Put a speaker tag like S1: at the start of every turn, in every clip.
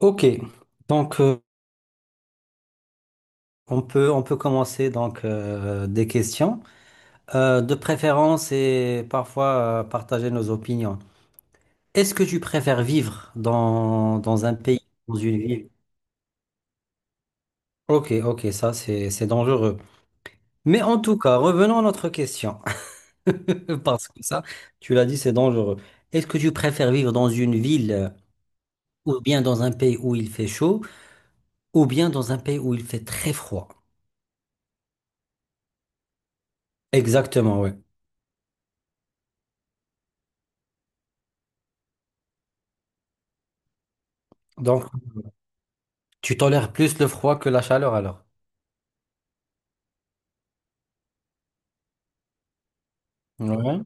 S1: Ok, donc euh, on peut commencer des questions. De préférence et parfois partager nos opinions. Est-ce que tu préfères vivre dans un pays, dans une ville? Ok, ok, ça c'est dangereux. Mais en tout cas, revenons à notre question. Parce que ça, tu l'as dit, c'est dangereux. Est-ce que tu préfères vivre dans une ville ou bien dans un pays où il fait chaud ou bien dans un pays où il fait très froid? Exactement, oui. Donc, tu tolères plus le froid que la chaleur alors? Ouais.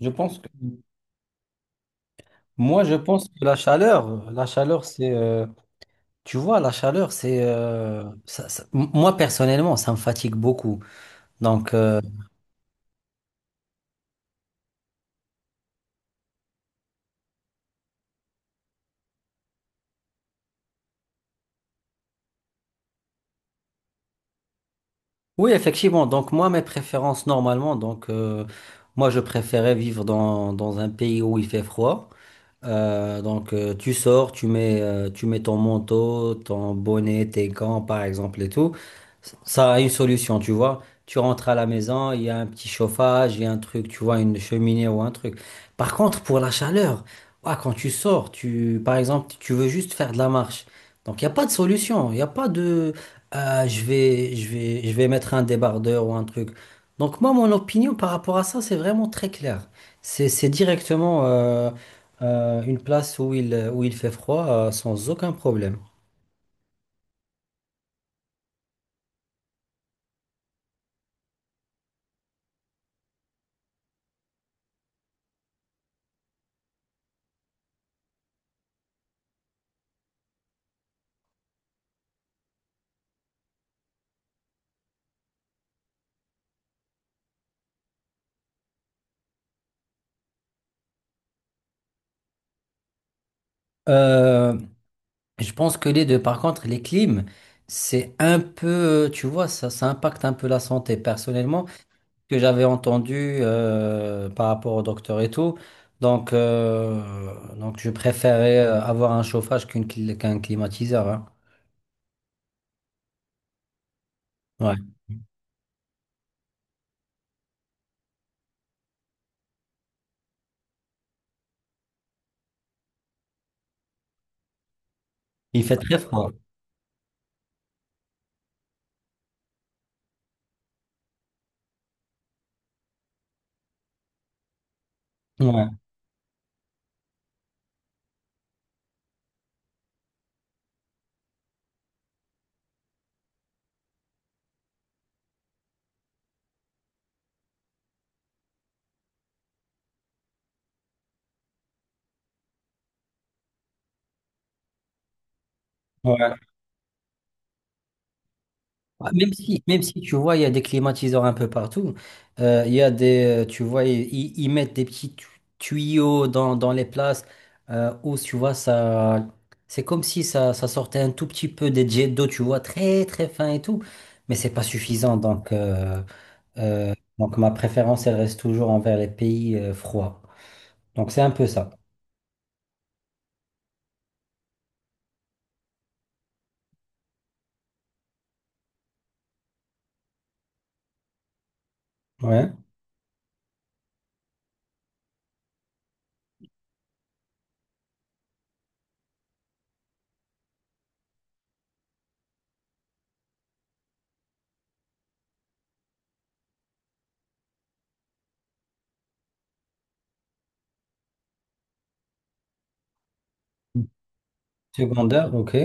S1: Je pense que moi je pense que la chaleur c'est tu vois la chaleur c'est moi personnellement ça me fatigue beaucoup. Donc euh, oui effectivement donc moi mes préférences normalement moi je préférais vivre dans un pays où il fait froid. Tu sors, tu mets ton manteau, ton bonnet, tes gants par exemple et tout. Ça a une solution, tu vois. Tu rentres à la maison, il y a un petit chauffage, il y a un truc, tu vois, une cheminée ou un truc. Par contre, pour la chaleur, ouah, quand tu sors, tu, par exemple, tu veux juste faire de la marche. Donc il n'y a pas de solution, il n'y a pas de je vais mettre un débardeur ou un truc. Donc moi, mon opinion par rapport à ça, c'est vraiment très clair. C'est directement une place où où il fait froid sans aucun problème. Euh, je pense que les deux, par contre, les clims, c'est un peu, tu vois, ça impacte un peu la santé. Personnellement, ce que j'avais entendu par rapport au docteur et tout, donc je préférais avoir un chauffage qu'un climatiseur, hein. Ouais. Il fait très froid. Ouais. Ouais. Ouais, même si, même si tu vois, il y a des climatiseurs un peu partout, il y a tu vois, ils mettent des petits tuyaux dans les places où, tu vois, ça, c'est comme si ça sortait un tout petit peu des jets d'eau, tu vois, très très fin et tout, mais c'est pas suffisant. Donc ma préférence, elle reste toujours envers les pays froids. Donc, c'est un peu ça. Ouais. Secondaire, ok.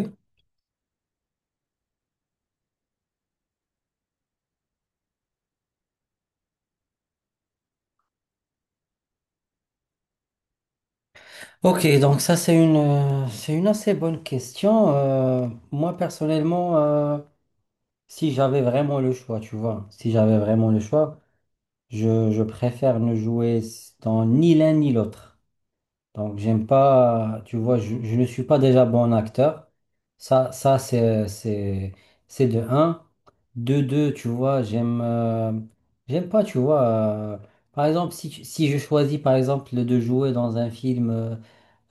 S1: Ok, donc ça c'est c'est une assez bonne question. Moi personnellement, si j'avais vraiment le choix, tu vois, si j'avais vraiment le choix, je préfère ne jouer dans ni l'un ni l'autre. Donc j'aime pas, tu vois, je ne suis pas déjà bon acteur. Ça, ça c'est, c'est, c'est de un. De deux, tu vois, j'aime pas, tu vois. Par exemple, si, si je choisis par exemple de jouer dans un film. euh,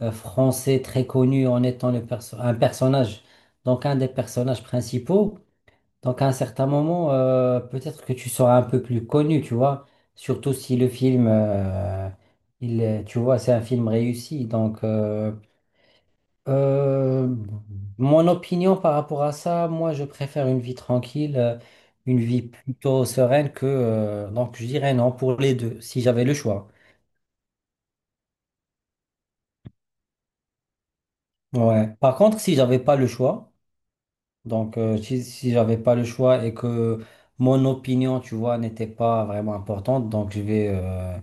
S1: euh, français très connu, en étant un personnage, donc un des personnages principaux. Donc à un certain moment, peut-être que tu seras un peu plus connu, tu vois. Surtout si le film, tu vois, c'est un film réussi. Donc euh, mon opinion par rapport à ça, moi je préfère une vie tranquille, une vie plutôt sereine que... donc je dirais non pour les deux, si j'avais le choix. Ouais. Par contre, si j'avais pas le choix. Si j'avais pas le choix et que mon opinion, tu vois, n'était pas vraiment importante, donc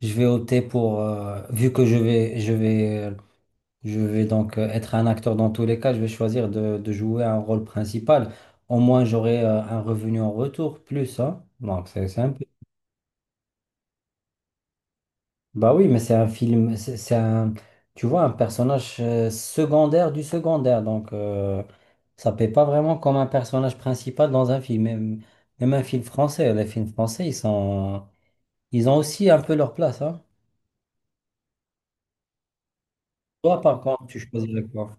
S1: je vais opter pour, vu que je vais être un acteur dans tous les cas, je vais choisir de jouer un rôle principal. Au moins, j'aurai un revenu en retour, plus, hein. Donc, c'est simple. Bah oui, mais c'est un film, c'est un, tu vois, un personnage secondaire du secondaire, ça paie pas vraiment comme un personnage principal dans un film, même, même un film français. Les films français, ils sont, ils ont aussi un peu leur place, hein. Toi, par contre, tu choisirais quoi?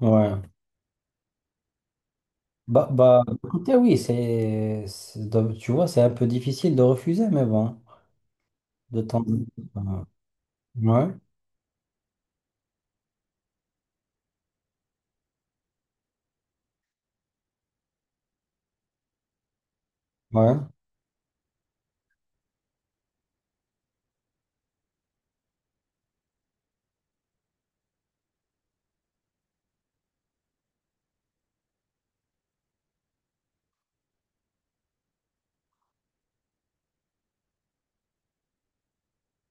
S1: Ouais. Bah, bah, écoutez, oui, tu vois, c'est un peu difficile de refuser, mais bon, de temps en temps. Ouais, ouais,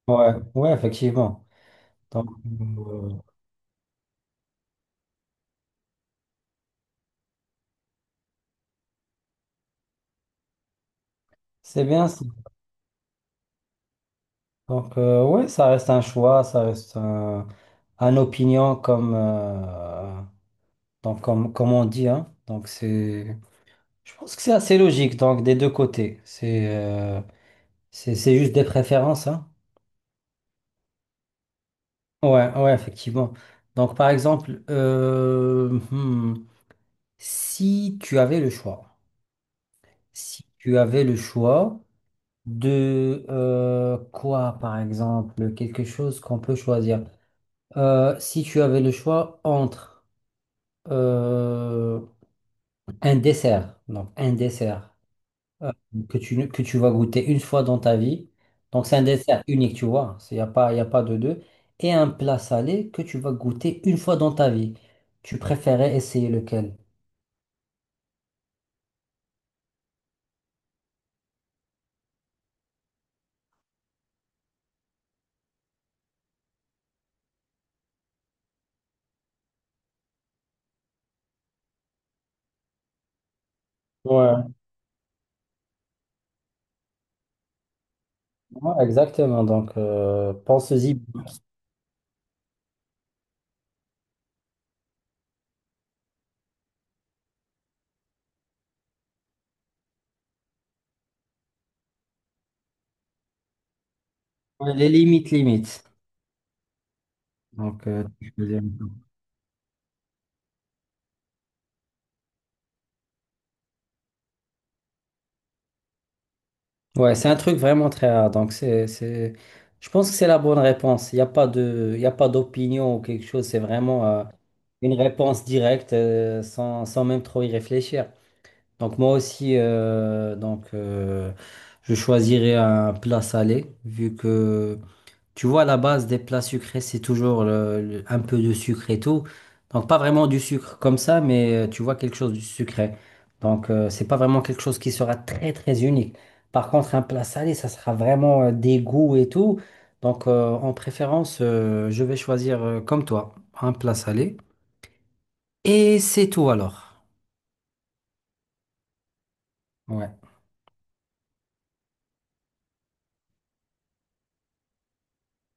S1: ouais, ouais, effectivement. Donc, euh, c'est bien. Ouais, ça reste un choix, ça reste un opinion comme on dit, hein. Donc, c'est, je pense que c'est assez logique, donc, des deux côtés. C'est juste des préférences, hein. Ouais, ouais, effectivement. Donc, par exemple, hmm, si tu avais le choix, si tu avais le choix de par exemple, quelque chose qu'on peut choisir. Si tu avais le choix entre Euh, un dessert, donc un dessert euh, que que tu vas goûter une fois dans ta vie. Donc c'est un dessert unique, tu vois, il n'y a pas, y a pas de deux. Et un plat salé que tu vas goûter une fois dans ta vie. Tu préférais essayer lequel? Ouais, ouais, exactement. Pense-y. Les limites, limites. Tu choisis. Ouais, c'est un truc vraiment très rare. Donc, c'est, je pense que c'est la bonne réponse. Il n'y a pas il y a pas d'opinion ou quelque chose. C'est vraiment une réponse directe sans même trop y réfléchir. Donc, moi aussi, je choisirais un plat salé vu que tu vois, la base des plats sucrés, c'est toujours un peu de sucre et tout. Donc, pas vraiment du sucre comme ça, mais tu vois, quelque chose de sucré. C'est pas vraiment quelque chose qui sera très, très unique. Par contre, un plat salé, ça sera vraiment des goûts et tout. En préférence, je vais choisir comme toi, un plat salé. Et c'est tout alors. Ouais.